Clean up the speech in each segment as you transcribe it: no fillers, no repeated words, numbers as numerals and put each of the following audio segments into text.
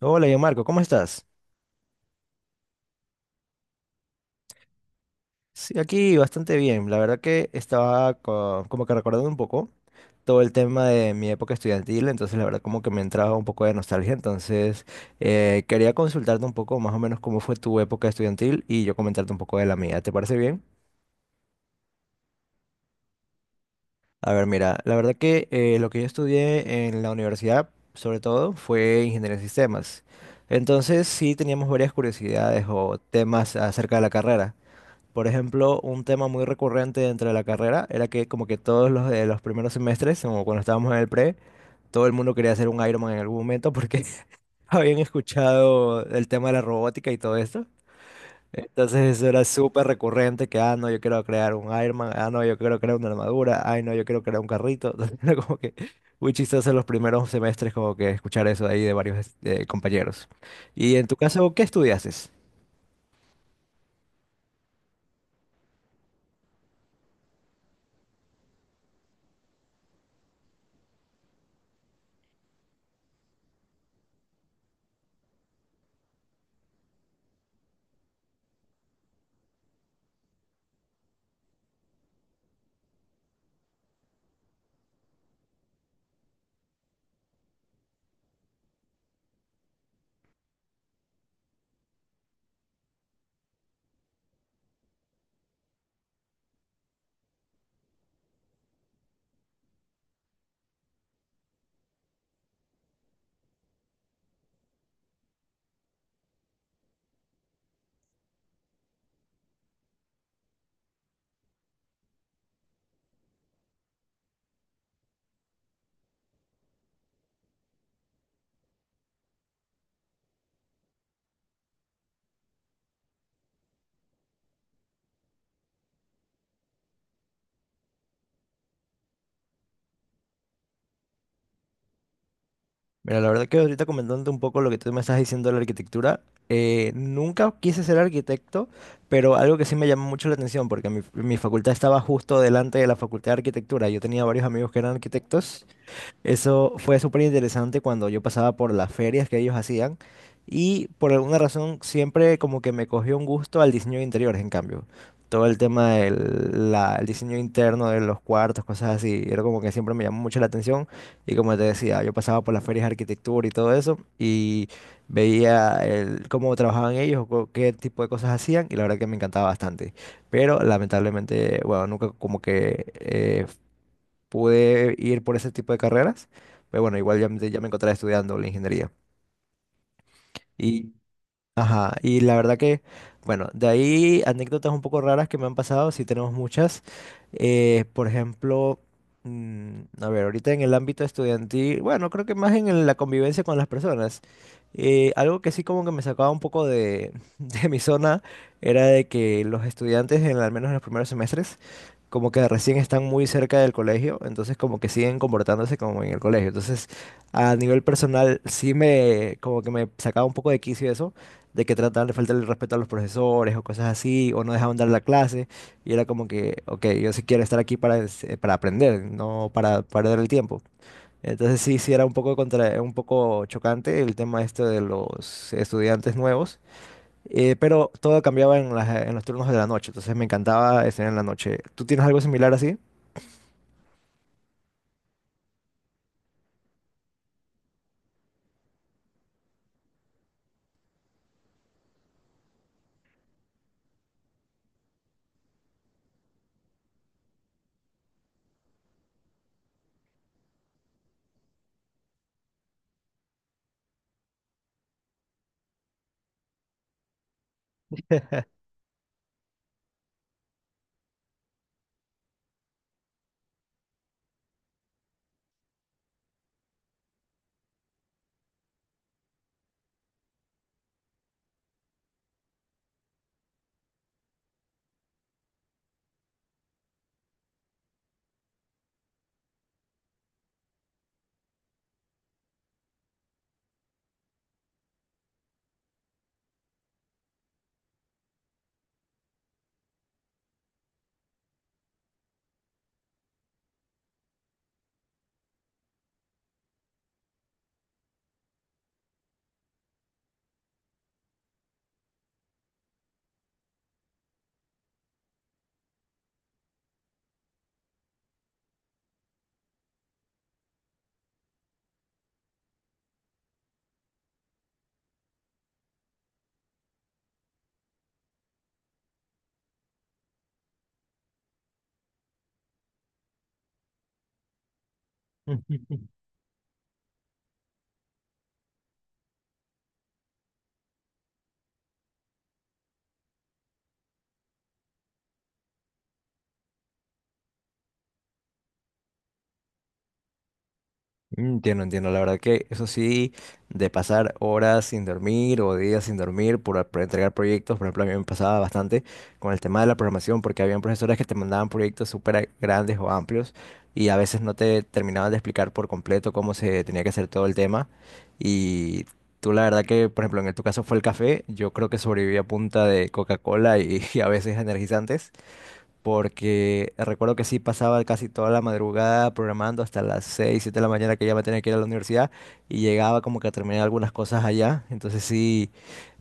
Hola, yo Marco, ¿cómo estás? Sí, aquí bastante bien. La verdad que estaba como que recordando un poco todo el tema de mi época estudiantil, entonces la verdad como que me entraba un poco de nostalgia, entonces quería consultarte un poco más o menos cómo fue tu época estudiantil y yo comentarte un poco de la mía. ¿Te parece bien? A ver, mira, la verdad que lo que yo estudié en la universidad, sobre todo, fue ingeniería en sistemas. Entonces sí teníamos varias curiosidades o temas acerca de la carrera. Por ejemplo, un tema muy recurrente dentro de la carrera era que como que todos los de los primeros semestres, como cuando estábamos en el pre, todo el mundo quería hacer un Ironman en algún momento porque habían escuchado el tema de la robótica y todo esto. Entonces eso era súper recurrente que, ah, no, yo quiero crear un Ironman, ah, no, yo quiero crear una armadura, ay, no, yo quiero crear un carrito. Entonces era como que muy chistoso los primeros semestres como que escuchar eso ahí de varios compañeros. Y en tu caso, ¿qué estudiaste? Mira, la verdad que ahorita comentando un poco lo que tú me estás diciendo de la arquitectura, nunca quise ser arquitecto, pero algo que sí me llamó mucho la atención, porque mi facultad estaba justo delante de la facultad de arquitectura. Yo tenía varios amigos que eran arquitectos. Eso fue súper interesante cuando yo pasaba por las ferias que ellos hacían y por alguna razón siempre como que me cogió un gusto al diseño de interiores, en cambio. Todo el tema el diseño interno de los cuartos, cosas así, era como que siempre me llamó mucho la atención, y como te decía, yo pasaba por las ferias de arquitectura y todo eso y veía el, cómo trabajaban ellos, o qué tipo de cosas hacían y la verdad que me encantaba bastante. Pero lamentablemente, bueno, nunca como que pude ir por ese tipo de carreras, pero bueno, igual ya, ya me encontraba estudiando la ingeniería. Y Ajá, y la verdad que, bueno, de ahí anécdotas un poco raras que me han pasado, sí tenemos muchas. Por ejemplo, a ver, ahorita en el ámbito estudiantil, bueno, creo que más en la convivencia con las personas. Eh, algo que sí como que me sacaba un poco de, de mi zona era de que los estudiantes, en, al menos en los primeros semestres, como que recién están muy cerca del colegio, entonces como que siguen comportándose como en el colegio. Entonces, a nivel personal, sí me, como que me sacaba un poco de quicio eso, de que trataban de faltarle el respeto a los profesores o cosas así, o no dejaban dar la clase, y era como que, ok, yo sí quiero estar aquí para, para aprender, no para perder el tiempo. Entonces sí, sí era un poco contra, un poco chocante el tema este de los estudiantes nuevos, pero todo cambiaba en en los turnos de la noche, entonces me encantaba estar en la noche. ¿Tú tienes algo similar así? Entiendo, entiendo. La verdad que eso sí, de pasar horas sin dormir o días sin dormir por entregar proyectos, por ejemplo, a mí me pasaba bastante con el tema de la programación, porque habían profesores que te mandaban proyectos súper grandes o amplios y a veces no te terminaban de explicar por completo cómo se tenía que hacer todo el tema. Y tú, la verdad que, por ejemplo, en tu caso fue el café, yo creo que sobreviví a punta de Coca-Cola y, y a veces energizantes porque recuerdo que sí pasaba casi toda la madrugada programando hasta las 6-7 de la mañana que ya me tenía que ir a la universidad y llegaba como que a terminar algunas cosas allá. Entonces sí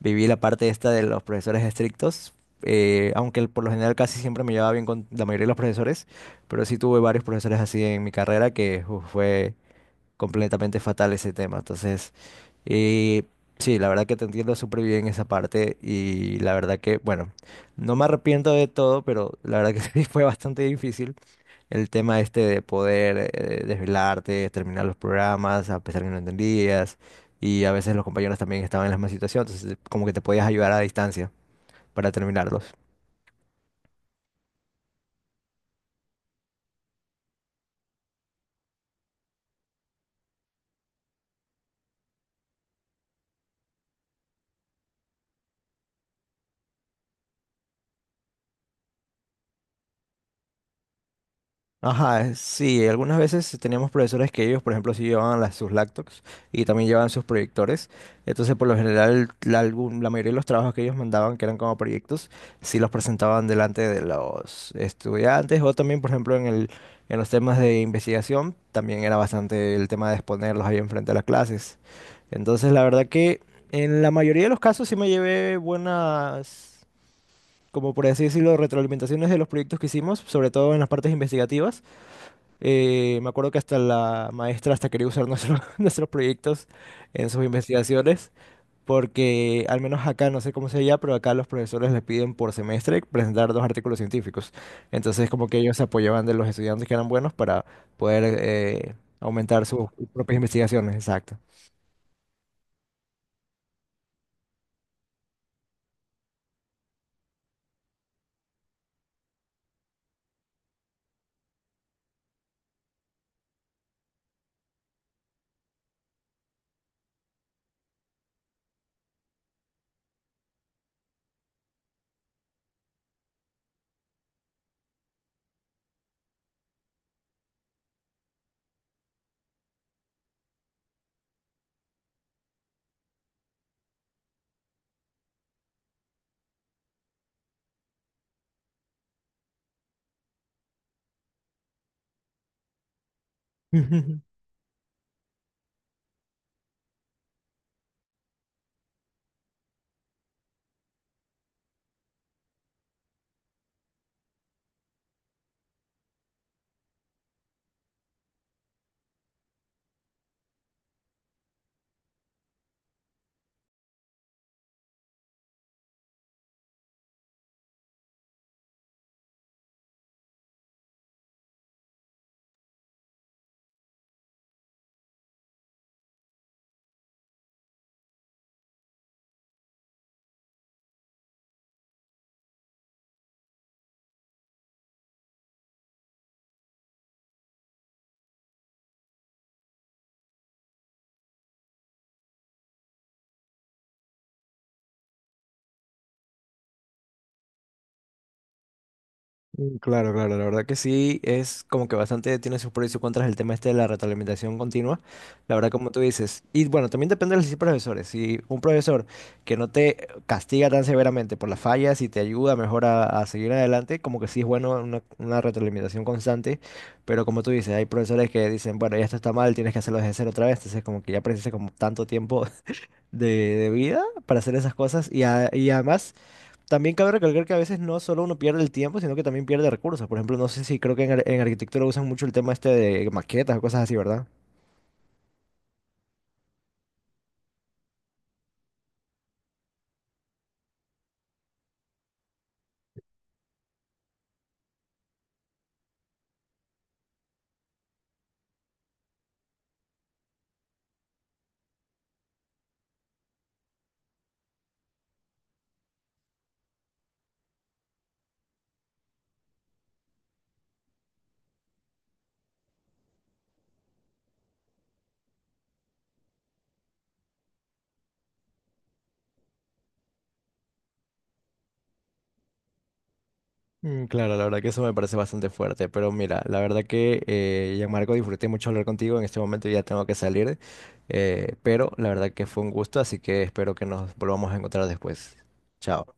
viví la parte esta de los profesores estrictos, aunque por lo general casi siempre me llevaba bien con la mayoría de los profesores, pero sí tuve varios profesores así en mi carrera que uf, fue completamente fatal ese tema. Entonces, eh, sí, la verdad que te entiendo súper bien esa parte y la verdad que, bueno, no me arrepiento de todo, pero la verdad que sí fue bastante difícil el tema este de poder desvelarte, terminar los programas a pesar que no entendías y a veces los compañeros también estaban en la misma situación, entonces como que te podías ayudar a distancia para terminarlos. Ajá, sí, algunas veces teníamos profesores que ellos, por ejemplo, sí llevaban sus laptops y también llevaban sus proyectores. Entonces, por lo general, la mayoría de los trabajos que ellos mandaban, que eran como proyectos, sí los presentaban delante de los estudiantes o también, por ejemplo, en los temas de investigación, también era bastante el tema de exponerlos ahí enfrente de las clases. Entonces, la verdad que en la mayoría de los casos sí me llevé buenas, como por así decirlo, retroalimentaciones de los proyectos que hicimos, sobre todo en las partes investigativas. Me acuerdo que hasta la maestra hasta quería usar nuestros proyectos en sus investigaciones, porque al menos acá, no sé cómo sea allá, pero acá los profesores les piden por semestre presentar dos artículos científicos. Entonces, como que ellos se apoyaban de los estudiantes que eran buenos para poder aumentar sus propias investigaciones. Exacto. Claro, claro, la verdad que sí, es como que bastante tiene sus pros y sus contras el tema este de la retroalimentación continua, la verdad como tú dices. Y bueno, también depende de los profesores, si un profesor que no te castiga tan severamente por las fallas y te ayuda mejor a seguir adelante, como que sí es bueno una retroalimentación constante, pero como tú dices, hay profesores que dicen, bueno, ya esto está mal, tienes que hacerlo desde cero otra vez, entonces como que ya precisa como tanto tiempo de, de vida para hacer esas cosas y, y además también cabe recalcar que a veces no solo uno pierde el tiempo, sino que también pierde recursos. Por ejemplo, no sé si creo que en, en arquitectura usan mucho el tema este de maquetas o cosas así, ¿verdad? Claro, la verdad que eso me parece bastante fuerte, pero mira, la verdad que Gianmarco, disfruté mucho hablar contigo, en este momento ya tengo que salir, pero la verdad que fue un gusto, así que espero que nos volvamos a encontrar después. Chao.